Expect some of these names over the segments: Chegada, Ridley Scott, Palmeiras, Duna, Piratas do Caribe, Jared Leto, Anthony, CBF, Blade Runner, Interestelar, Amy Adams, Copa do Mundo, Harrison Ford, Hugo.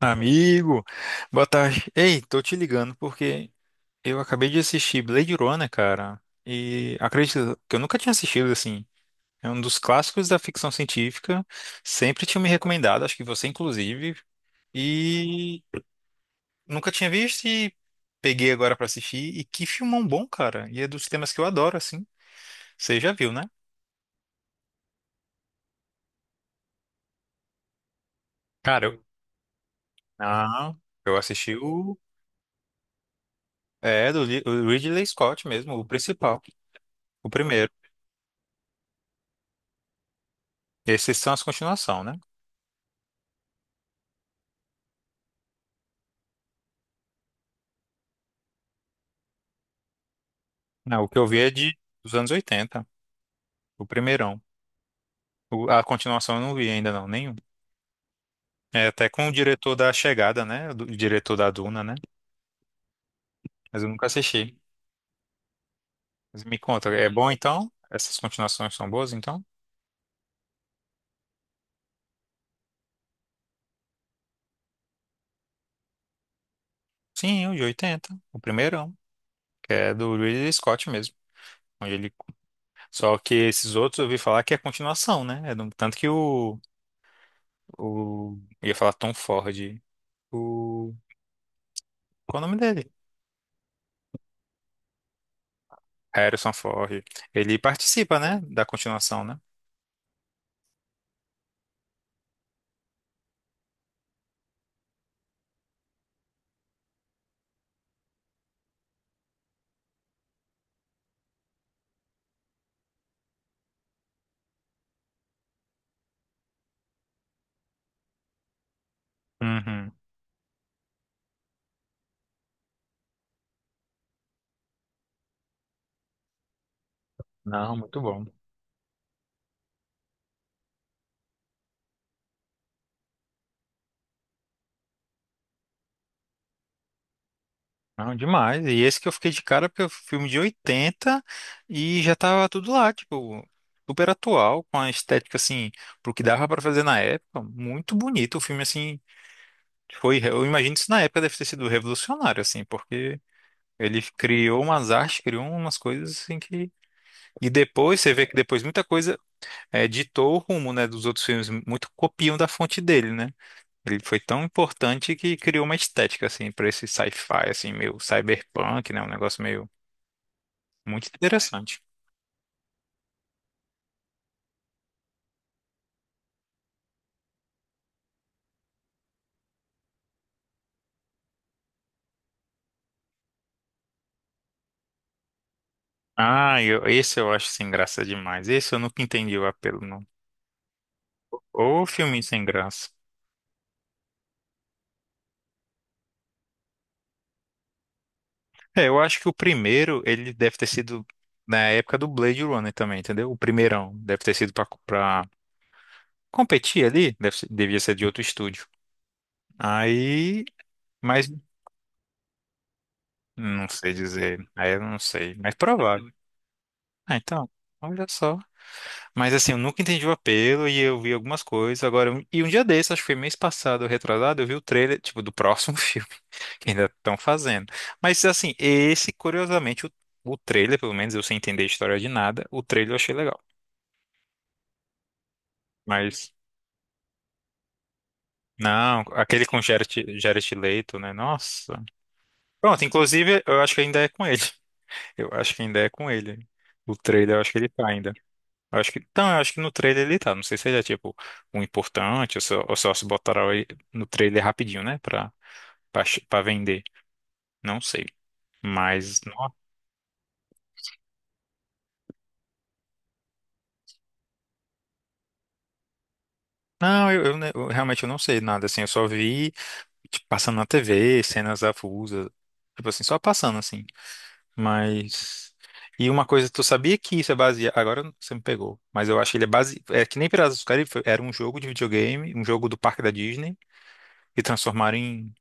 Amigo, boa tarde. Ei, tô te ligando porque eu acabei de assistir Blade Runner, cara. E acredito que eu nunca tinha assistido assim. É um dos clássicos da ficção científica. Sempre tinha me recomendado, acho que você inclusive. E nunca tinha visto e peguei agora pra assistir. E que filmão bom, cara. E é dos temas que eu adoro, assim. Você já viu, né? Cara, eu... Ah, eu assisti o... É, o Ridley Scott mesmo, o principal. O primeiro. Esses são as continuações, né? Não, o que eu vi é de dos anos 80, o primeirão. A continuação eu não vi ainda não, nenhum. É até com o diretor da Chegada, né? O diretor da Duna, né? Mas eu nunca assisti. Mas me conta, é bom então? Essas continuações são boas então? Sim, o de 80, o primeirão, que é do Ridley Scott mesmo. Onde ele-. Só que esses outros eu ouvi falar que é continuação, né? Tanto que eu ia falar Tom Ford. O... Qual é o nome dele? Harrison Ford. Ele participa, né? Da continuação, né? Uhum. Não, muito bom. Não, demais. E esse que eu fiquei de cara, porque é um filme de 80 e já tava tudo lá, tipo, super atual, com a estética, assim, pro que dava pra fazer na época. Muito bonito o filme, assim. Foi, eu imagino que isso na época deve ter sido revolucionário, assim, porque ele criou umas artes, criou umas coisas, assim, que. E depois, você vê que depois muita coisa ditou o rumo, né, dos outros filmes, muito copiam da fonte dele, né? Ele foi tão importante que criou uma estética, assim, para esse sci-fi, assim, meio cyberpunk, né? Um negócio meio muito interessante. Ah, esse eu acho sem graça demais. Esse eu nunca entendi o apelo, não. Ô, filme sem graça. É, eu acho que o primeiro, ele deve ter sido na época do Blade Runner também, entendeu? O primeirão deve ter sido pra competir ali, devia ser de outro estúdio. Aí, mas não sei dizer. Aí eu não sei, mas provável. Ah, então, olha só. Mas assim, eu nunca entendi o apelo e eu vi algumas coisas. Agora, e um dia desse, acho que foi mês passado, ou retrasado, eu vi o trailer, tipo, do próximo filme que ainda estão fazendo. Mas assim, esse, curiosamente, o trailer, pelo menos eu sem entender a história de nada, o trailer eu achei legal. Mas não, aquele com Jared Leto, né? Nossa. Pronto, inclusive, eu acho que ainda é com ele. Eu acho que ainda é com ele. O trailer, eu acho que ele tá ainda. Eu acho que, então, eu acho que no trailer ele tá. Não sei se ele é tipo um importante ou só, se botaram ele no trailer rapidinho, né? Pra vender. Não sei. Mas, no-. Não, eu, eu ne- eu realmente eu não sei nada, assim. Eu só vi, tipo, passando na TV, cenas avulsas. Tipo assim, só passando, assim. Mas. E uma coisa, tu sabia que isso é baseado. Agora você me pegou. Mas eu acho que ele é base. É que nem Piratas do Caribe era um jogo de videogame, um jogo do parque da Disney, e transformaram em,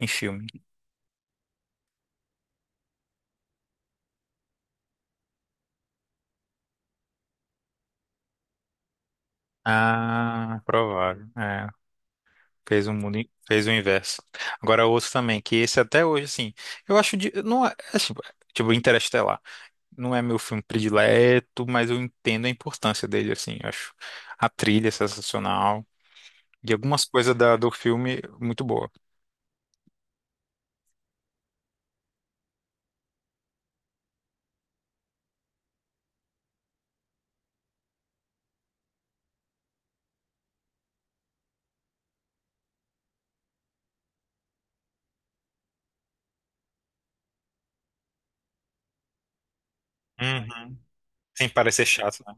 em filme. Ah, provável. É, fez um mundo, fez o inverso. Agora outro também, que esse até hoje, assim, eu acho de, não é, é tipo Interestelar. Não é meu filme predileto, mas eu entendo a importância dele, assim, eu acho a trilha é sensacional e algumas coisas da, do filme muito boa. Uhum. Sem parecer chato, né?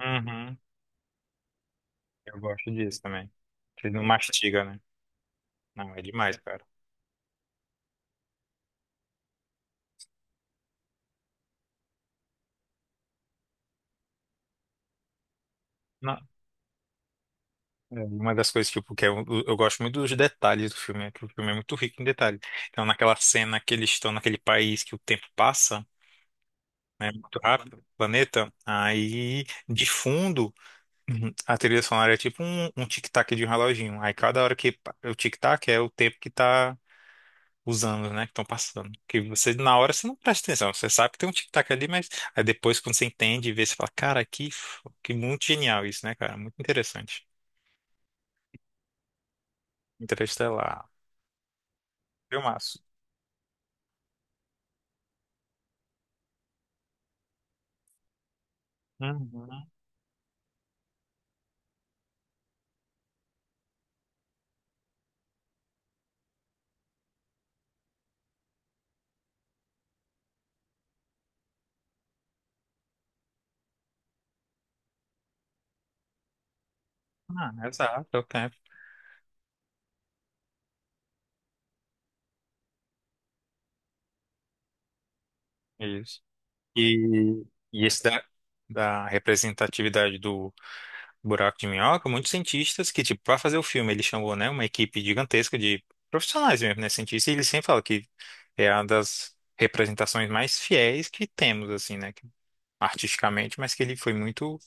Uhum. Eu gosto disso também. Ele não mastiga, né? Não, é demais, cara. É, uma das coisas, tipo, que eu gosto muito dos detalhes do filme, né? Que o filme é muito rico em detalhes. Então, naquela cena que eles estão naquele país que o tempo passa, né? Muito rápido, planeta, aí de fundo uhum, a trilha sonora é tipo um tic-tac de um reloginho. Aí cada hora o tic-tac é o tempo que tá usando, né? Que estão passando. Que você, na hora, você não presta atenção. Você sabe que tem um tic-tac ali, mas aí depois, quando você entende e vê, você fala, cara, que muito genial isso, né, cara? Muito interessante. Interestelar. Filmaço. Uhum. Ah, exato, é o tempo. É isso. E, e esse da, representatividade do buraco de minhoca, muitos cientistas que, tipo, para fazer o filme, ele chamou, né, uma equipe gigantesca de profissionais mesmo, né, cientistas, e ele sempre fala que é uma das representações mais fiéis que temos, assim, né, artisticamente, mas que ele foi muito,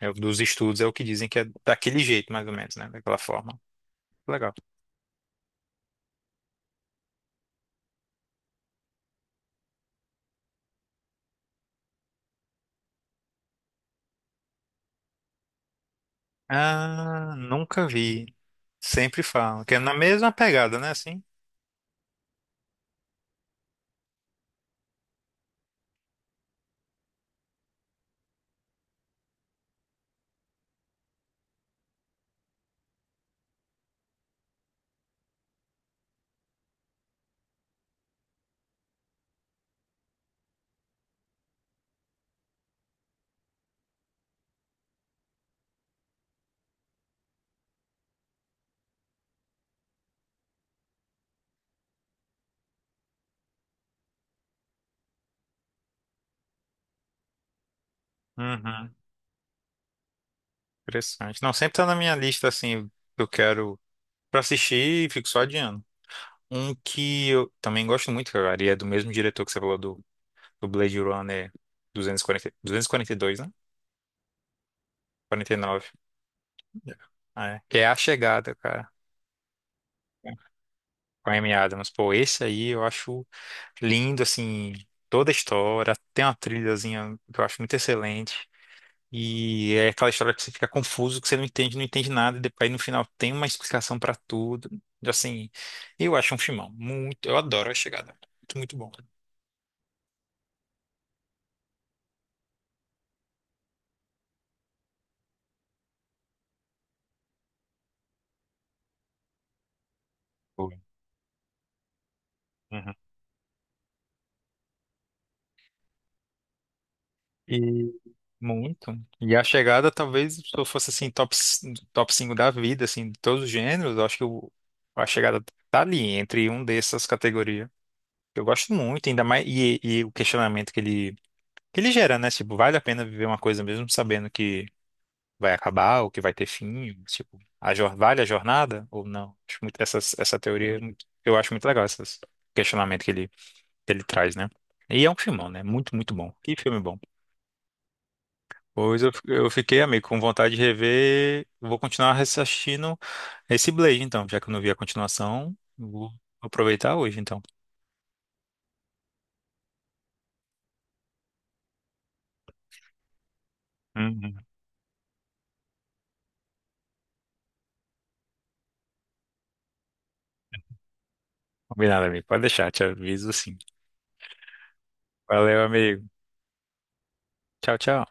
dos estudos, é o que dizem que é daquele jeito, mais ou menos, né, daquela forma. Legal. Ah, nunca vi. Sempre falam, que é na mesma pegada, né, assim? Uhum. Interessante. Não, sempre tá na minha lista, assim, que eu quero pra assistir e fico só adiando. Um que eu também gosto muito, cara, e é do mesmo diretor que você falou do, Blade Runner 240, 242, né? 49. É. É. Que é A Chegada, cara. Com a Amy Adams. Pô, esse aí eu acho lindo, assim, toda a história. Tem uma trilhazinha que eu acho muito excelente. E é aquela história que você fica confuso, que você não entende, não entende nada, e depois no final tem uma explicação pra tudo. Assim, eu acho um filmão. Muito, eu adoro a chegada. Muito, muito bom. Boa. Uhum. E muito. E a chegada, talvez, se eu fosse assim, top 5 da vida, assim, de todos os gêneros, eu acho que a chegada tá ali, entre um dessas categorias. Eu gosto muito, ainda mais, e o questionamento que ele, gera, né? Tipo, vale a pena viver uma coisa mesmo sabendo vai acabar ou que vai ter fim, tipo, vale a jornada ou não? Acho muito essa teoria, eu acho muito legal esses questionamento que ele, traz, né? E é um filmão, né? Muito, muito bom. Que filme bom. Pois eu fiquei, amigo, com vontade de rever. Vou continuar assistindo esse Blade, então, já que eu não vi a continuação, vou aproveitar hoje, então. Uhum. Combinado, amigo. Pode deixar, te aviso sim. Valeu, amigo. Tchau, tchau.